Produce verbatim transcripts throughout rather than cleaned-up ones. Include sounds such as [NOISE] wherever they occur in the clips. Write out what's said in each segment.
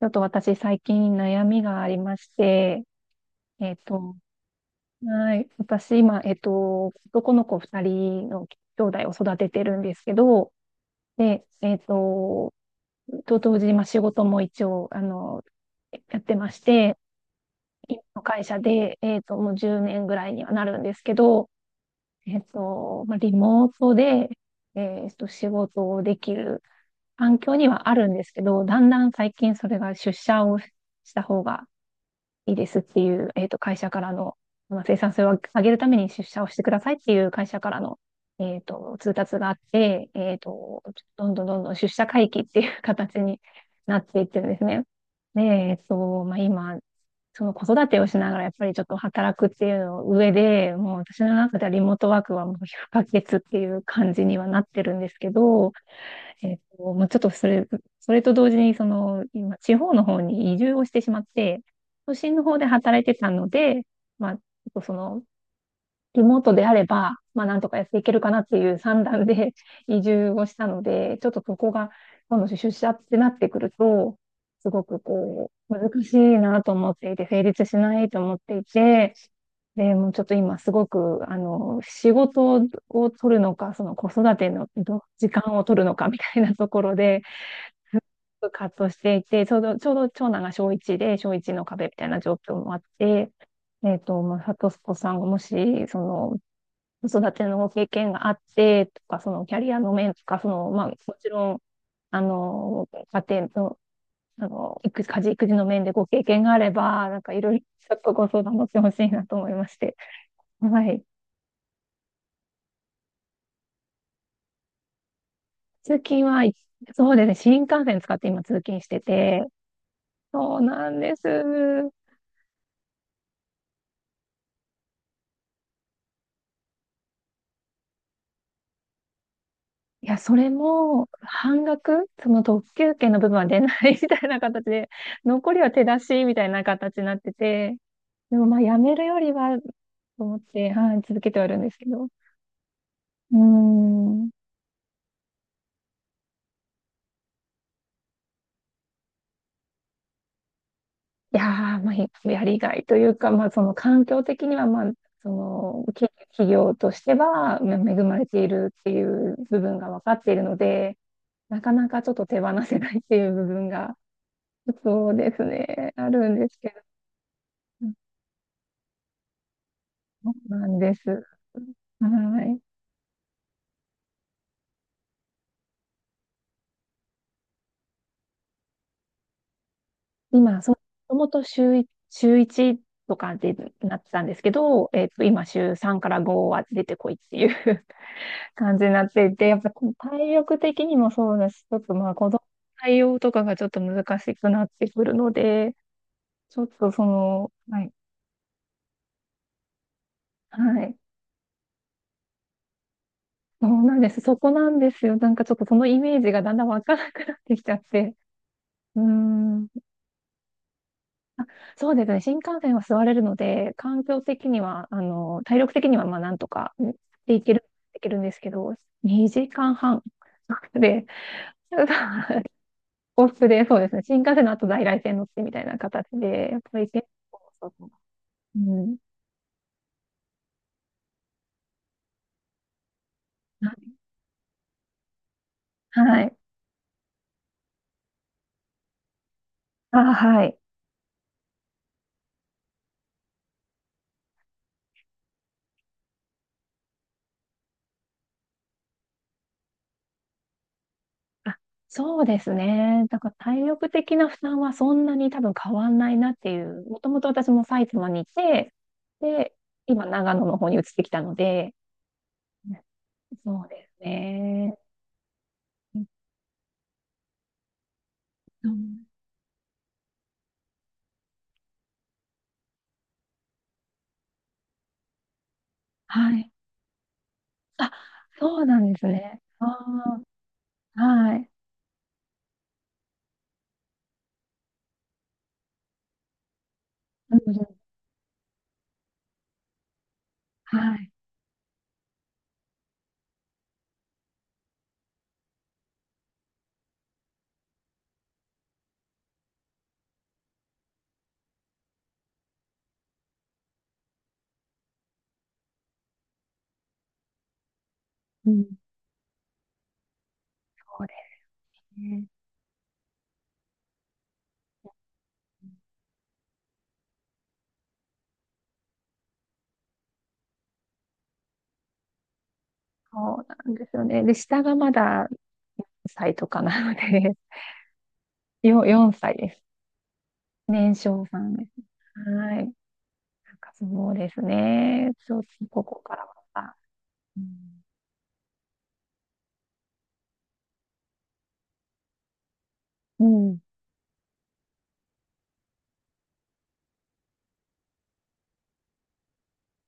ちょっと私最近悩みがありまして、えっと、はい。私今、えっと、男の子ふたりの兄弟を育ててるんですけど、で、えっと、と同時にまあ仕事も一応、あの、やってまして、今の会社で、えっと、もうじゅうねんぐらいにはなるんですけど、えっと、まあ、リモートで、えっと、仕事をできる環境にはあるんですけど、だんだん最近それが出社をした方がいいですっていう、えっと、会社からの、まあ生産性を上げるために出社をしてくださいっていう会社からの、えっと、通達があって、えっと、どんどんどんどん出社回帰っていう形になっていってるんですね。で、えっと、まあ、今、その子育てをしながらやっぱりちょっと働くっていうの上で、もう私の中ではリモートワークはもう不可欠っていう感じにはなってるんですけど、えっと、まあ、ちょっとそれ、それと同時に、その、今、地方の方に移住をしてしまって、都心の方で働いてたので、まあ、ちょっとその、リモートであれば、まあ、なんとかやっていけるかなっていう算段で [LAUGHS] 移住をしたので、ちょっとそこが、今度出社ってなってくると、すごくこう、難しいなと思っていて、成立しないと思っていて、で、もうちょっと今すごく、あの、仕事を取るのか、その子育てのど時間を取るのかみたいなところで、葛藤していて、ちょうど、ちょうど長男が小いちで、小いちの壁みたいな状況もあって、えっと、まあ、サトスコさんがもし、その、子育ての経験があってとか、そのキャリアの面とか、その、まあ、もちろん、あの、家庭の、あの、育家事育児の面でご経験があれば、なんかいろいろちょっとご相談乗ってほしいなと思いまして。はい。通勤は、そうですね、新幹線使って今通勤してて、そうなんです。いや、それも、半額、その特急券の部分は出ない [LAUGHS] みたいな形で、残りは手出しみたいな形になってて、でもまあ、やめるよりは、と思って、はい、続けてはいるんですけど。うーん。いやー、まあ、ひやりがいというか、まあ、その環境的には、まあ、その、企企業としては、まあ恵まれているっていう部分が分かっているので、なかなかちょっと手放せないっていう部分が、そうですね、あるんですけど、そうなんです。はい。今、そう、もともと週一、週いちとかでなってたんですけど、えっと、今、週さんからごは出てこいっていう感じになっていて、やっぱ体力的にもそうだし、ちょっとまあ子供の対応とかがちょっと難しくなってくるので、ちょっとその、はい、はい、そうなんです。そこなんですよ。なんかちょっとそのイメージがだんだんわからなくなってきちゃって。うーん。あ、そうですね。新幹線は座れるので、環境的には、あの、体力的にはまあなんとかでいける、できるんですけど、にじかんはんで、[LAUGHS] 往復で、そうですね。新幹線の後在来線乗ってみたいな形で、やっぱり結構、その、うん。なはい。あ、はい。あ、そうですね。だから体力的な負担はそんなに多分変わんないなっていう。もともと私も埼玉にいて、で、今長野の方に移ってきたので、そうですね。うん、はい。あ、そうなんですね。ああ、はい。うん、はい。うん、そうですね。そうなんですよね。で、下がまだよんさいとかなので、[LAUGHS] よ、よんさいです。年少さんです。はい。なんかそうですね。ちょっとここからはさ、うん、うん、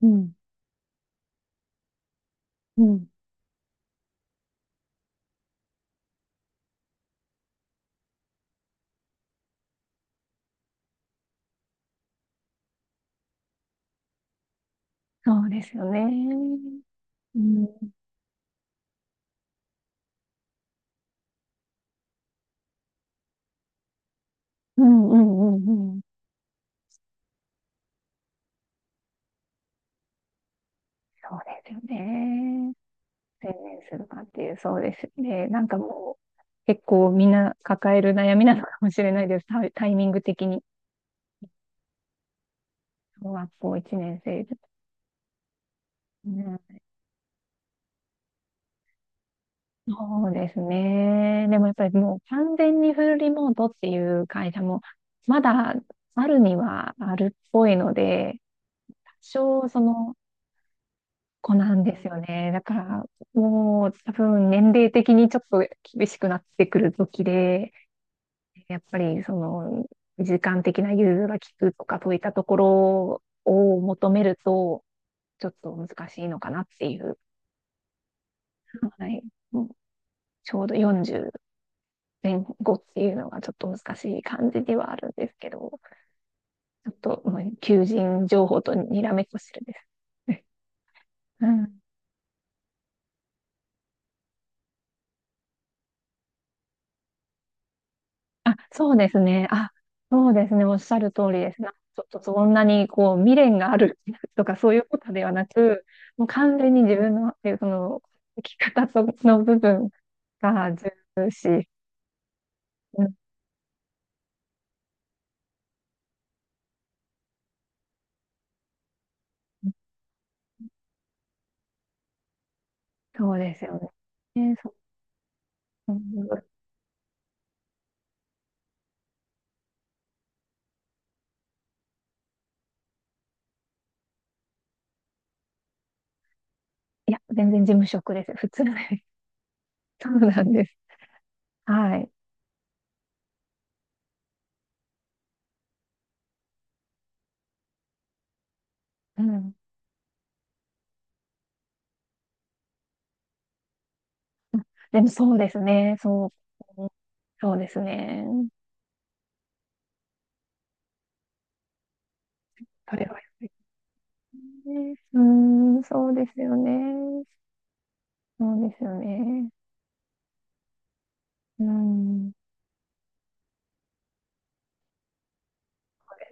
うん、うん、そうですよね。うん、うん、うん、うん、うん。そうですよね。専念するかっていう、そうですよね。なんかもう、結構みんな抱える悩みなのかもしれないです。タイタイミング的に。小学校いちねん生で。ね、そうですね。でもやっぱりもう完全にフルリモートっていう会社もまだあるにはあるっぽいので、多少その子なんですよね。だからもう多分年齢的にちょっと厳しくなってくる時で、やっぱりその時間的な融通が利くとかそういったところを求めるとちょっと難しいのかなっていう。はい。もうちょうどよんじゅう前後っていうのがちょっと難しい感じではあるんですけど、ちょっと、求人情報とにらめっこしてるです。[LAUGHS] うん。あ、そうですね。あ、そうですね。おっしゃる通りですな。ちょっとそんなにこう未練があるとかそういうことではなく、もう完全に自分の、その、生き方との部分が重視。うん、そうですよね。ね、そう。うん、いや、全然事務職です。普通です。[LAUGHS] そうなんです。はい。うん。でもそうですね。そう。そうですね。それはやっぱりね。うーん、そうですよね。そうですよね。うん。で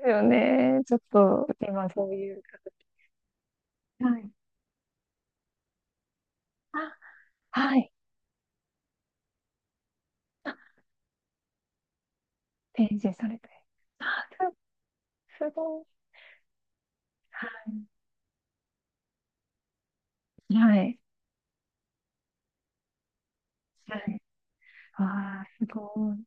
すよね。ちょっと、今そういう形。はい。あ、はい。あ、展示されて。あ、す、すごい。はい。はい。はい。ああ、すごい。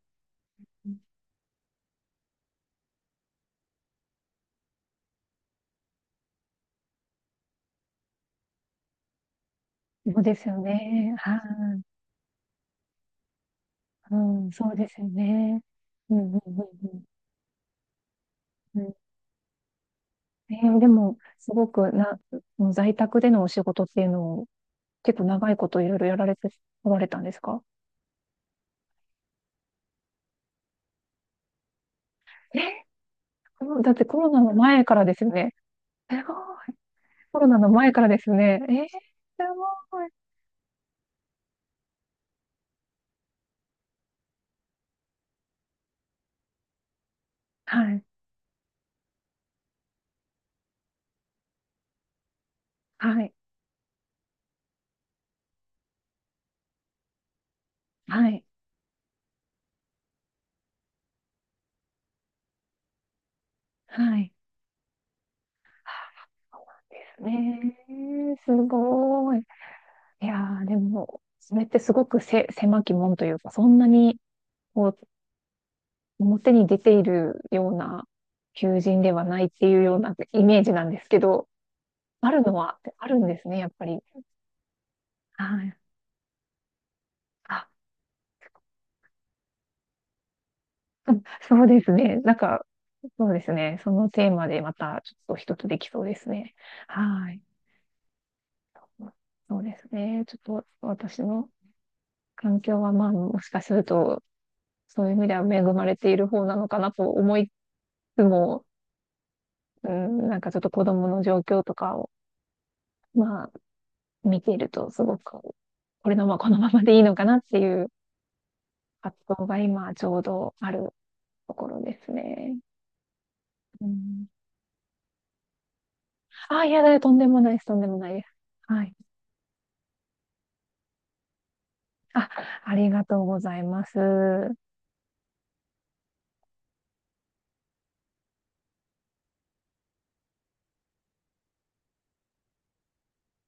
そうですよね。はい。うん、そうですよね。うん、うん、うん、うん。えーでも、すごくな、もう在宅でのお仕事っていうのを結構長いこといろいろやられておられたんですか？えーこのだってコロナの前からですよね。すごい。コロナの前からですよね。えーすごい。はい。はい。はい。はい。ですね。すごい。いやー、でも、それってすごくせ、狭き門というか、そんなに、こう、表に出ているような求人ではないっていうようなイメージなんですけど、あるのは、あるんですね、やっぱり。はい。あ、[LAUGHS] うん、そうですね。なんか、そうですね。そのテーマでまたちょっと一つできそうですね。はい。そうですね。ちょっと私の環境は、まあ、もしかすると、そういう意味では恵まれている方なのかなと思いつつも、うん、なんかちょっと子供の状況とかを、まあ、見ていると、すごく、これのまま、このままでいいのかなっていう葛藤が今、ちょうどあるところですね。うん、あ、いやだ、とんでもないです。とんでもないです。はい。あ、ありがとうございます。